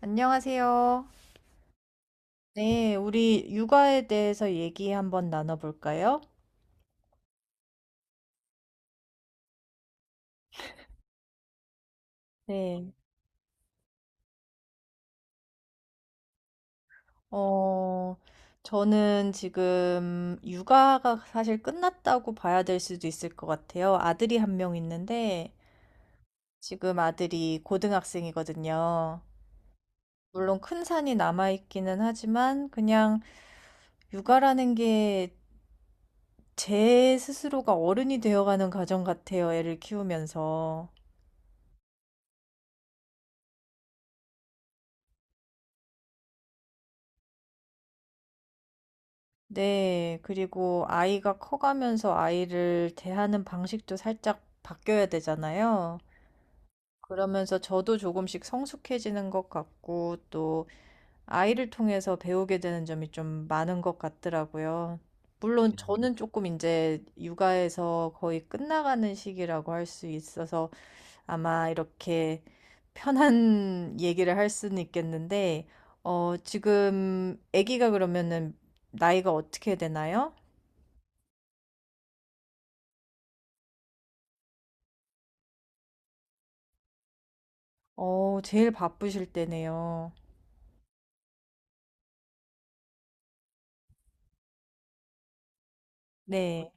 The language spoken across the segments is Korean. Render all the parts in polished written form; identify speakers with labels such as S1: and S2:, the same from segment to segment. S1: 안녕하세요. 네, 우리 육아에 대해서 얘기 한번 나눠볼까요? 네, 어, 저는 지금 육아가 사실 끝났다고 봐야 될 수도 있을 것 같아요. 아들이 1명 있는데, 지금 아들이 고등학생이거든요. 물론 큰 산이 남아있기는 하지만, 그냥 육아라는 게 제 스스로가 어른이 되어가는 과정 같아요. 애를 키우면서. 네, 그리고 아이가 커가면서 아이를 대하는 방식도 살짝 바뀌어야 되잖아요. 그러면서 저도 조금씩 성숙해지는 것 같고, 또 아이를 통해서 배우게 되는 점이 좀 많은 것 같더라고요. 물론 저는 조금 이제 육아에서 거의 끝나가는 시기라고 할 수 있어서 아마 이렇게 편한 얘기를 할 수는 있겠는데, 지금 아기가 그러면은 나이가 어떻게 되나요? 제일 바쁘실 때네요. 네,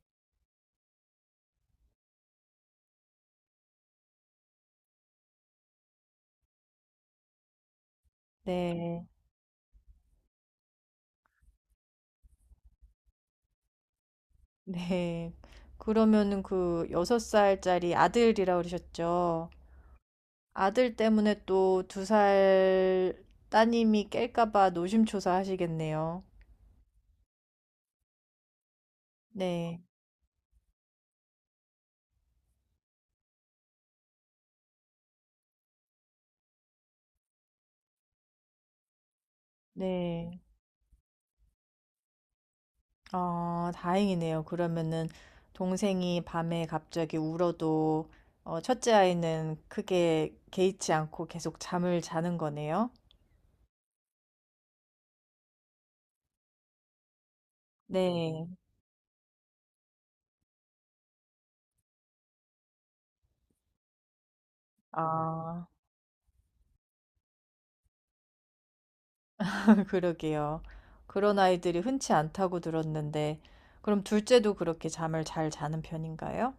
S1: 네, 네. 그러면은 그 여섯 살짜리 아들이라 그러셨죠? 아들 때문에 또 2살 따님이 깰까 봐 노심초사 하시겠네요. 네, 네. 아, 다행이네요. 그러면은 동생이 밤에 갑자기 울어도 첫째 아이는 크게 개의치 않고 계속 잠을 자는 거네요. 네. 아. 그러게요. 그런 아이들이 흔치 않다고 들었는데, 그럼 둘째도 그렇게 잠을 잘 자는 편인가요?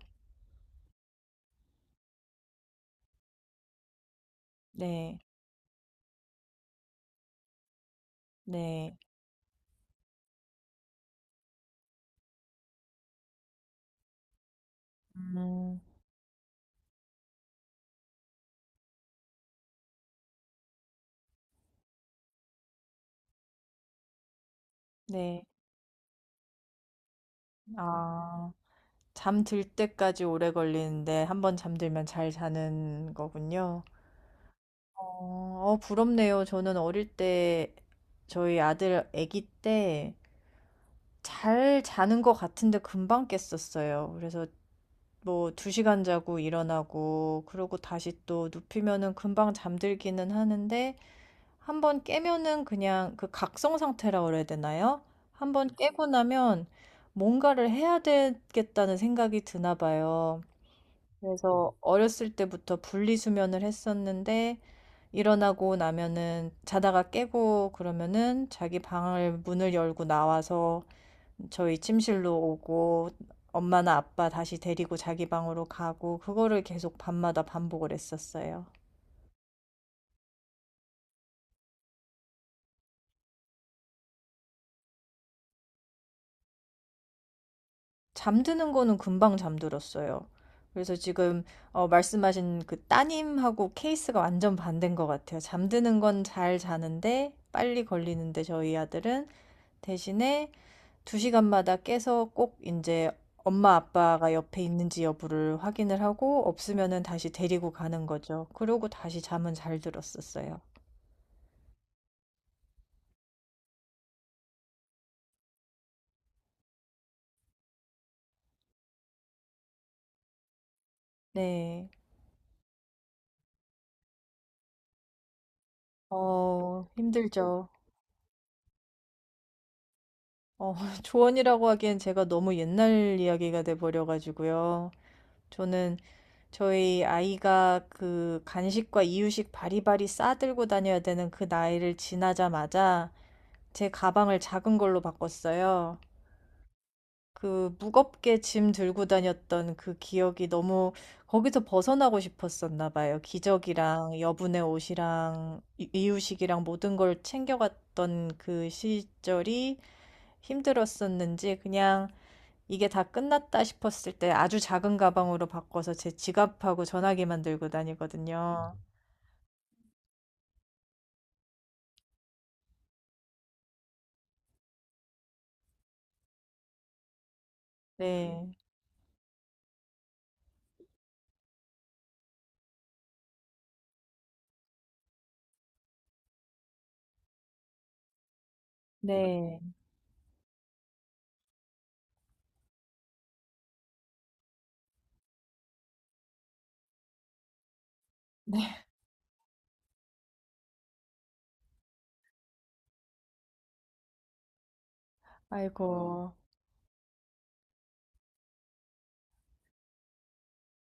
S1: 네, 네, 음, 네. 아, 잠 들 때까지 오래 걸리는데, 한 번 잠들면 잘 자는 거군요. 부럽네요. 저는 어릴 때, 저희 아들 아기 때, 잘 자는 것 같은데 금방 깼었어요. 그래서 뭐 2시간 자고 일어나고 그러고 다시 또 눕히면은 금방 잠들기는 하는데 한번 깨면은 그냥 그 각성 상태라 그래야 되나요? 한번 깨고 나면 뭔가를 해야 되겠다는 생각이 드나 봐요. 그래서 어렸을 때부터 분리수면을 했었는데 일어나고 나면은 자다가 깨고 그러면은 자기 방을 문을 열고 나와서 저희 침실로 오고 엄마나 아빠 다시 데리고 자기 방으로 가고 그거를 계속 밤마다 반복을 했었어요. 잠드는 거는 금방 잠들었어요. 그래서 지금 말씀하신 그 따님하고 케이스가 완전 반대인 것 같아요. 잠드는 건 잘 자는데 빨리 걸리는데 저희 아들은 대신에 두 시간마다 깨서 꼭 이제 엄마 아빠가 옆에 있는지 여부를 확인을 하고 없으면은 다시 데리고 가는 거죠. 그러고 다시 잠은 잘 들었었어요. 네. 힘들죠. 어, 조언이라고 하기엔 제가 너무 옛날 이야기가 돼버려가지고요. 저는 저희 아이가 그 간식과 이유식 바리바리 싸들고 다녀야 되는 그 나이를 지나자마자 제 가방을 작은 걸로 바꿨어요. 그 무겁게 짐 들고 다녔던 그 기억이 너무 거기서 벗어나고 싶었었나 봐요. 기저귀랑 여분의 옷이랑 이유식이랑 모든 걸 챙겨갔던 그 시절이 힘들었었는지 그냥 이게 다 끝났다 싶었을 때 아주 작은 가방으로 바꿔서 제 지갑하고 전화기만 들고 다니거든요. 네. 네. 네. 아이고.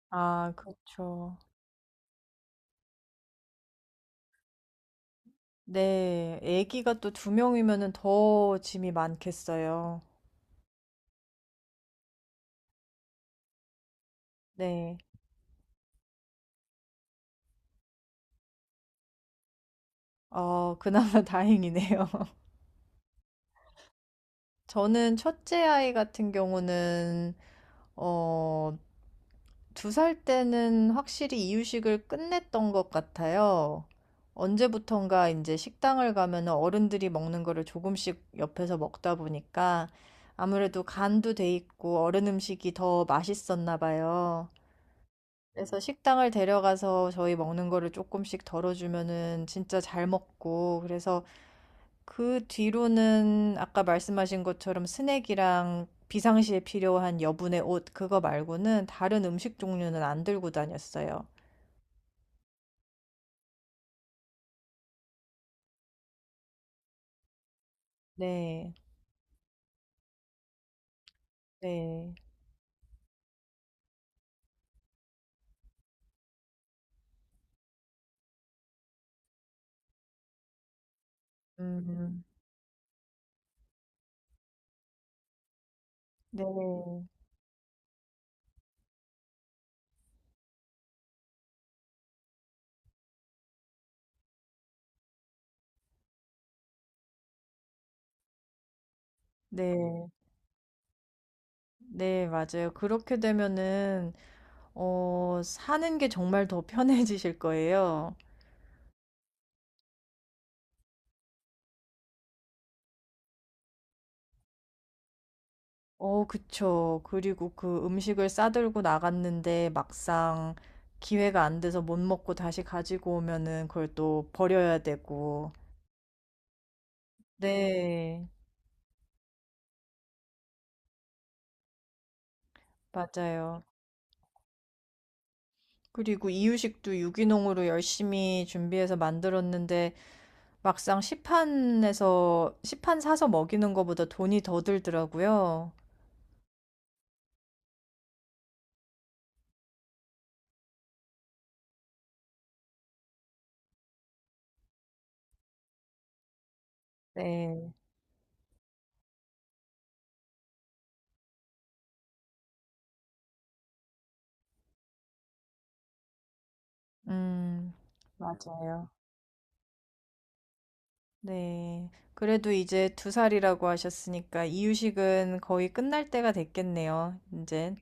S1: 아, 그렇죠. 네. 아기가 또 두 명이면은 더 짐이 많겠어요. 네. 그나마 다행이네요. 저는 첫째 아이 같은 경우는 어 2살 때는 확실히 이유식을 끝냈던 것 같아요. 언제부턴가 이제 식당을 가면 어른들이 먹는 거를 조금씩 옆에서 먹다 보니까 아무래도 간도 돼 있고 어른 음식이 더 맛있었나 봐요. 그래서 식당을 데려가서 저희 먹는 거를 조금씩 덜어주면은 진짜 잘 먹고, 그래서 그 뒤로는 아까 말씀하신 것처럼 스낵이랑 비상시에 필요한 여분의 옷, 그거 말고는 다른 음식 종류는 안 들고 다녔어요. 네, 네, 음, 네, 네, 네, 맞아요. 그렇게 되면은, 사는 게 정말 더 편해지실 거예요. 그쵸. 그리고 그 음식을 싸들고 나갔는데 막상 기회가 안 돼서 못 먹고 다시 가지고 오면은 그걸 또 버려야 되고. 네. 맞아요. 그리고 이유식도 유기농으로 열심히 준비해서 만들었는데 막상 시판 사서 먹이는 것보다 돈이 더 들더라고요. 네. 음. 맞아요. 네. 그래도 이제 두 살이라고 하셨으니까 이유식은 거의 끝날 때가 됐겠네요. 이제.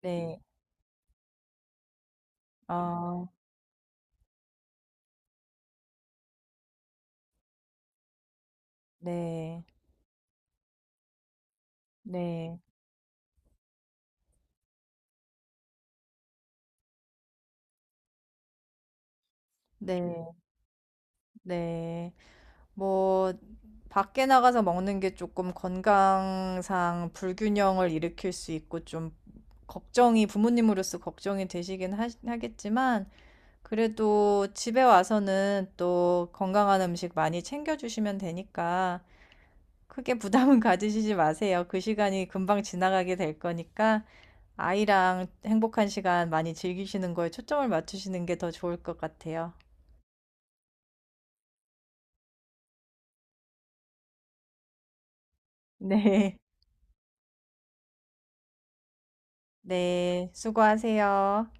S1: 네. 아, 네. 네. 네. 네. 뭐 밖에 나가서 먹는 게 조금 건강상 불균형을 일으킬 수 있고 좀 걱정이 부모님으로서 걱정이 되시긴 하겠지만 그래도 집에 와서는 또 건강한 음식 많이 챙겨주시면 되니까 크게 부담은 가지시지 마세요. 그 시간이 금방 지나가게 될 거니까 아이랑 행복한 시간 많이 즐기시는 거에 초점을 맞추시는 게 더 좋을 것 같아요. 네. 네. 수고하세요.